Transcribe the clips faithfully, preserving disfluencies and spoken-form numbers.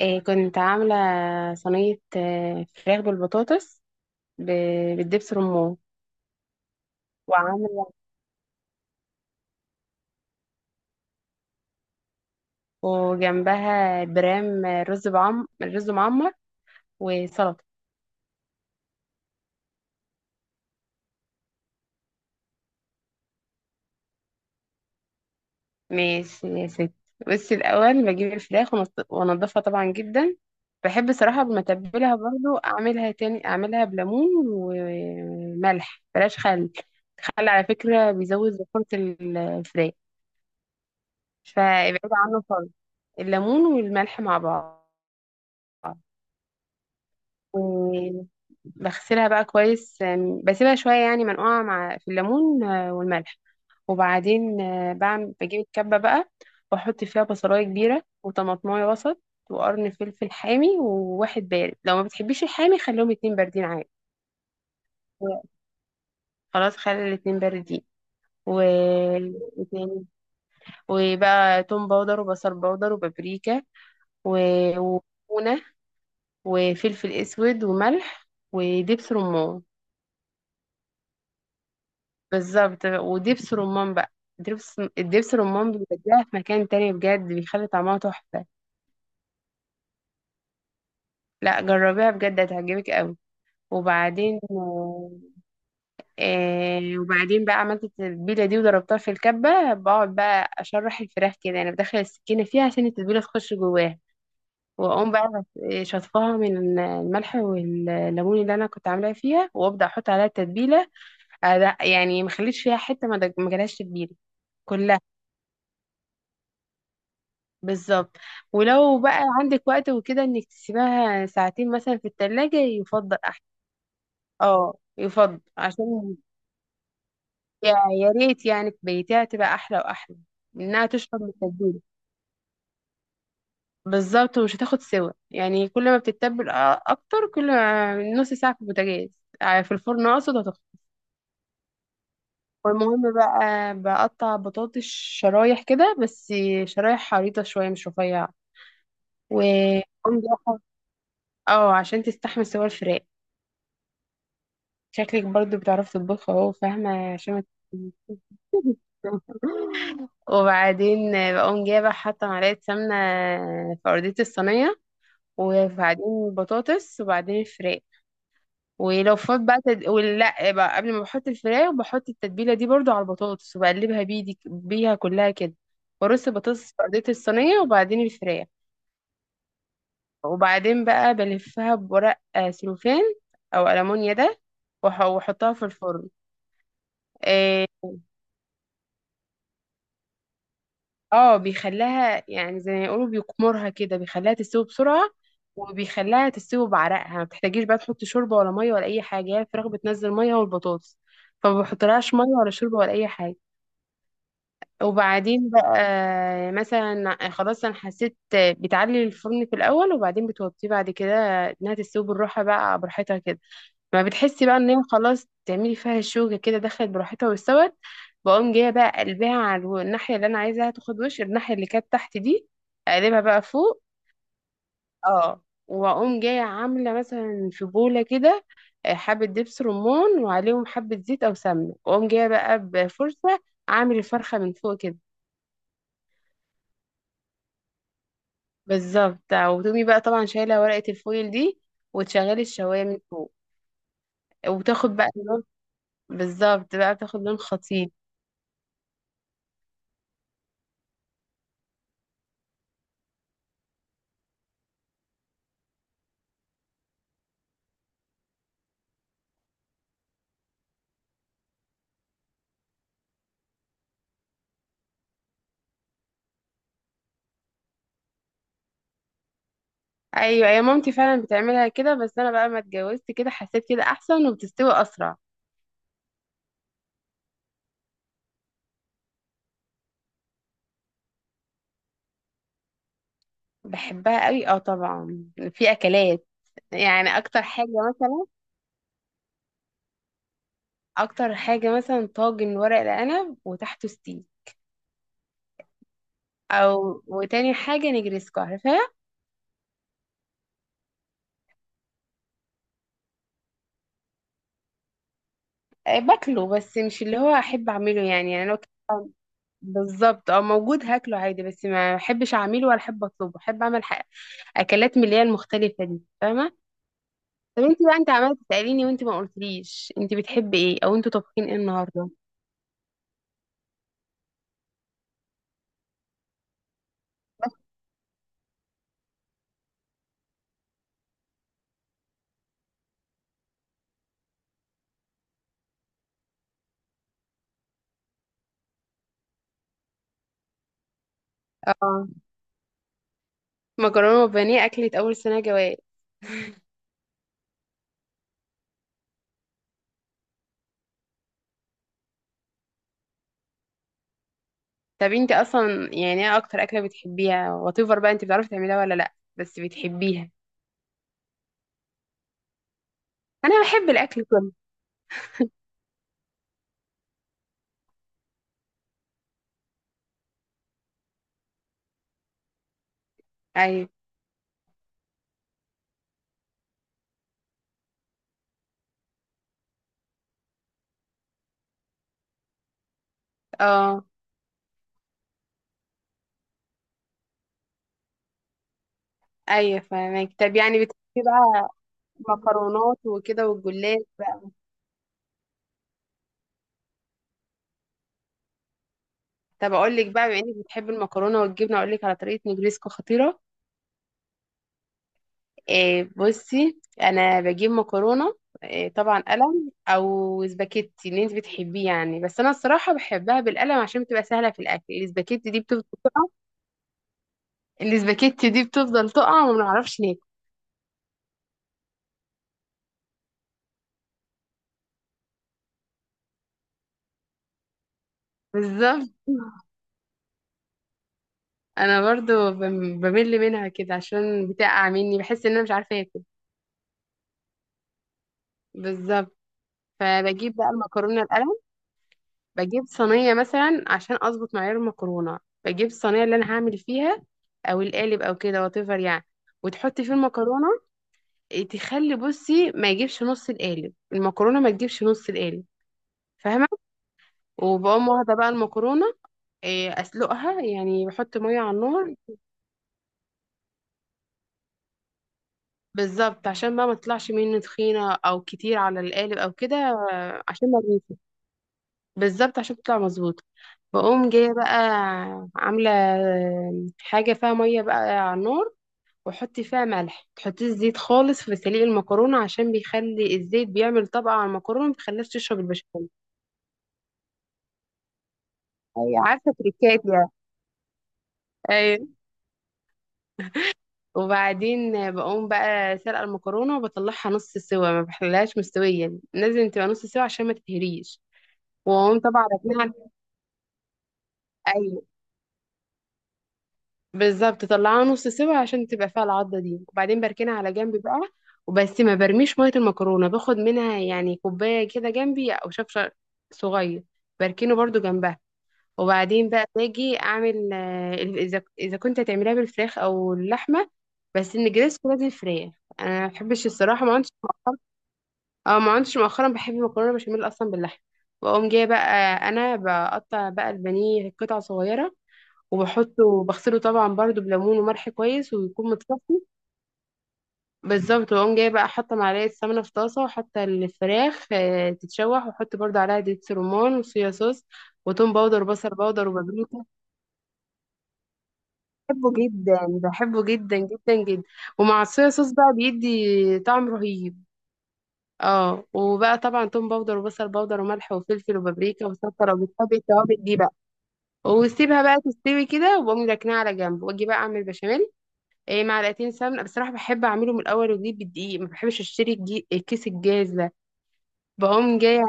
إيه كنت عاملة صينية، آه، فراخ بالبطاطس ب- بالدبس رمان. وعاملة وجنبها برام رز بعم رز معمر وسلطة. ماشي يا ست، بس الأول بجيب الفراخ ونض- وأنضفها طبعا جدا. بحب صراحة لما أتبلها برضو أعملها تاني، أعملها بليمون وملح بلاش خل. الخل على فكرة بيزود زفرة الفراخ، فابعد عنه خالص. الليمون والملح مع بعض، وبغسلها بقى كويس. آم، بسيبها شوية يعني منقوعة مع في الليمون آه، والملح. وبعدين آه، بعمل بجيب الكبة بقى، واحط فيها بصلاية كبيرة وطماطماية وسط وقرن فلفل حامي وواحد بارد. لو ما بتحبيش الحامي خليهم اتنين باردين عادي، خلاص خلي الاتنين باردين. و... وتاني- وبقى توم باودر وبصل باودر وبابريكا و... وكمونة وفلفل اسود وملح ودبس رمان. بالظبط، ودبس رمان بقى. دبس الدبس رمان بيوديها في مكان تاني بجد، بيخلي طعمها تحفة. لا جربيها بجد هتعجبك قوي. وبعدين آه آه، وبعدين بقى عملت التتبيلة دي وضربتها في الكبة. بقعد بقى أشرح الفراخ كده، أنا بدخل السكينة فيها عشان التتبيلة تخش جواها، وأقوم بقى شطفها من الملح والليمون اللي أنا كنت عاملاها فيها، وأبدأ أحط عليها التتبيلة. آه، لا، يعني ما خليتش فيها حتة ما دج- ما جالهاش تتبيلة، كلها. بالظبط، ولو بقى عندك وقت وكده انك تسيبها ساعتين مثلا في التلاجة يفضل احسن. اه يفضل، عشان يا يا ريت يعني بيتها تبقى احلى واحلى. انها تشرب من التتبيله بالظبط، ومش هتاخد سوا. يعني كل ما بتتبل أ- اكتر، كل ما نص ساعه في البوتاجاز، ع- في الفرن اقصد هتخلص. والمهم بقى، بقطع بطاطس شرايح كده بس، شرايح عريضه شويه مش رفيعه. و اه عشان تستحمل سوا الفراخ. شكلك برضو بتعرفي تطبخي اهو فاهمة عشان ما- تتكلميش. وبعدين بقوم جايبة حاطة معلقة سمنة في أرضية الصينية، وبعدين بطاطس وبعدين الفراخ. ولو فات بقى تد... ولا بقى قبل ما بحط الفراخ بحط التتبيلة دي برضو على البطاطس وبقلبها بيدي بيها كلها كده. برص البطاطس في أرضية الصينية وبعدين الفراخ. وبعدين بقى بلفها بورق آه، سلوفان أو ألمونيا ده، وأح- وأحطها في الفرن. آه، اه بيخليها يعني زي ما يقولوا بيقمرها كده، بيخليها تستوي بسرعة، وبيخليها تستوي بعرقها. ما بتحتاجيش بقى تحط شوربة ولا مية ولا أي حاجة، هي الفراخ بتنزل مية والبطاطس، فما بحطلهاش مية ولا شوربة ولا أي حاجة. وبعدين بقى مثلا خلاص أنا حسيت، بتعلي الفرن في الأول وبعدين بتوطيه بعد كده، إنها تستوي بالراحة بقى براحتها كده. ما بتحسي بقى ان هي خلاص، تعملي فيها الشوكة كده دخلت براحتها واستوت. بقوم جاية بقى قلبها على الو- الناحية اللي انا عايزاها تاخد وش، الناحية اللي كانت تحت دي اقلبها بقى فوق. اه واقوم جاية عاملة مثلا في بولة كده آه، حبة دبس رمان وعليهم حبة زيت او سمنة، واقوم جاية بقى بفرشة اعمل الفرخة من فوق كده. بالظبط، وتقومي بقى طبعا شايلة ورقة الفويل دي وتشغلي الشواية من فوق وتاخد بقى لون. بالظبط بقى بتاخد لون خطير. ايوه يا مامتي فعلا بتعملها كده، بس انا بقى ما اتجوزت كده حسيت كده احسن وبتستوي اسرع. بحبها قوي اه طبعا، في اكلات، يعني اكتر حاجه مثلا، اكتر حاجه مثلا طاجن ورق العنب وتحته ستيك، او وتاني حاجه نجرسكو عارفاها. آه، باكله بس مش اللي هو احب اعمله يعني. يعني لو ك- بالظبط، اه موجود هاكله عادي بس ما احبش اعمله ولا احب اطلبه، احب اعمل حاجة اكلات من اللي هي المختلفه دي، فاهمه. طب انت بقى انت عماله تساليني وانت ما قلتليش انت بتحبي ايه او انتوا طابخين ايه النهارده؟ اه، مكرونه وبانيه اكلت اول سنه جواز. طب انت اصلا يعني ايه اكتر اكله بتحبيها واتيفر بقى انت بتعرفي تعمليها ولا لا بس بتحبيها؟ انا بحب الاكل كله. ايوه، اه ايوه فاهمك. طب يعني بتحبي بقى مكرونات وكده والجلاش بقى. طب اقول لك بقى، بما انك بتحبي المكرونه والجبنه اقول لك على طريقه نجريسكو خطيره. إيه بصي، انا بجيب مكرونه، إيه طبعا قلم او سباكيتي اللي انت بتحبيه يعني، بس انا الصراحه بحبها بالقلم عشان بتبقى سهله في الاكل، السباكيتي دي بتفضل تقع. السباكيتي دي بتفضل تقع وما بنعرفش ناكل. بالظبط. انا برضو بم- بمل منها كده عشان بتقع مني، بحس ان انا مش عارفه اكل. بالظبط. فبجيب بقى المكرونه القلم، بجيب صينية مثلا عشان أظبط معيار المكرونة، بجيب الصينية اللي أنا هعمل فيها أو القالب أو كده واتيفر يعني، وتحطي فيه المكرونة. إيه، تخلي بصي ما يجيبش نص القالب المكرونة، ما تجيبش نص القالب، فاهمة؟ وبقوم واخدة بقى المكرونة، إيه، أسلقها، يعني بحط مية على النار. بالظبط عشان بقى ما تطلعش مني تخينة أو كتير على القالب أو كده. آه، عشان ما تجيش. بالظبط عشان تطلع مظبوطة. بقوم جاية بقى عاملة آه، حاجة فيها مية بقى على النار، وحطي فيها ملح. تحطي الزيت خالص في سليق المكرونة عشان بيخلي الزيت بيعمل طبقة على المكرونة، ما بيخليهاش تشرب البشاميل. ايوه، عارفه، تريكات يعني. ايوه. وبعدين بقوم بقى سلقة المكرونة وبطلعها نص سوا، ما بخليهاش مستوية، لازم تبقى نص سوا عشان ما تتهريش، واقوم طبعا راكنها. ايوه، بالظبط طلعها نص سوا عشان تبقى فيها العضة دي، وبعدين بركنها على جنب بقى. وبس ما برميش مية المكرونة، باخد منها يعني كوباية كده جنبي او شفشة صغير، بركنه برضو جنبها. وبعدين بقى باجي اعمل آه، اذا اذا كنت هتعمليها بالفراخ او اللحمه، بس النجريسكو لازم فراخ. انا ما بحبش الصراحه ما عندش، اه ما عندش، مؤخرا بحب مكرونه بشاميل اصلا باللحمه. واقوم جايه بقى آه، انا بقطع بقى البانيه قطع صغيره، وبحطه بغسله طبعا برضو بليمون وملح كويس ويكون متصفي. بالظبط، واقوم جايه بقى حاطه معلقه سمنه في طاسه وحاطه الفراخ آه، تتشوح، واحط برضو عليها دبس رمان وصويا صوص وتوم باودر وبصل باودر وبابريكا. بحبه جدا، بحبه جدا جدا جدا. ومع الصويا صوص بقى بيدي طعم رهيب. اه، وبقى طبعا توم باودر وبصل باودر وملح وفلفل وبابريكا وسكر، وبتحبي التوابل دي بقى. وسيبها بقى تستوي كده، وبقوم راكناها على جنب واجي بقى اعمل بشاميل. إيه، معلقتين سمنه، بصراحه بحب اعمله من الاول وجديد بالدقيق، ما بحبش اشتري الجي- الكيس الجاهز ده. بقوم جايه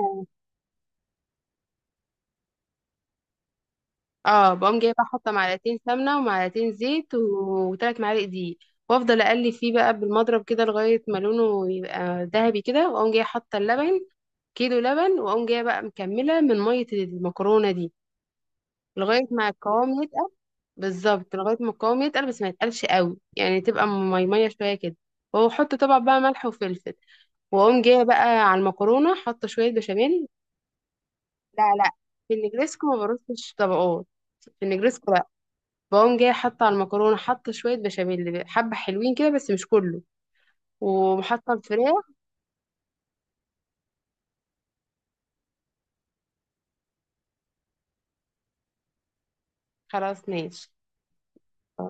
اه بقوم جايبه احط معلقتين سمنه ومعلقتين زيت وثلاث معالق دقيق، وافضل اقلب فيه بقى بالمضرب كده لغايه ما لونه يبقى ذهبي كده، واقوم جايه حاطه اللبن، كيلو لبن، واقوم جايه بقى مكمله من ميه المكرونه دي لغايه ما القوام يتقل. بالظبط، لغايه ما القوام يتقل بس ما يتقلش قوي، يعني تبقى ميميه شويه كده، واحط طبعا بقى ملح وفلفل. واقوم جايه بقى على المكرونه حاطه شويه بشاميل. لا لا، في النجريسكو ما برصش طبقات. في النجريسكو بقوم جايه حاطه على المكرونه حاطه شويه بشاميل حبه حلوين كده بس مش كله، وحاطه الفراخ. خلاص ماشي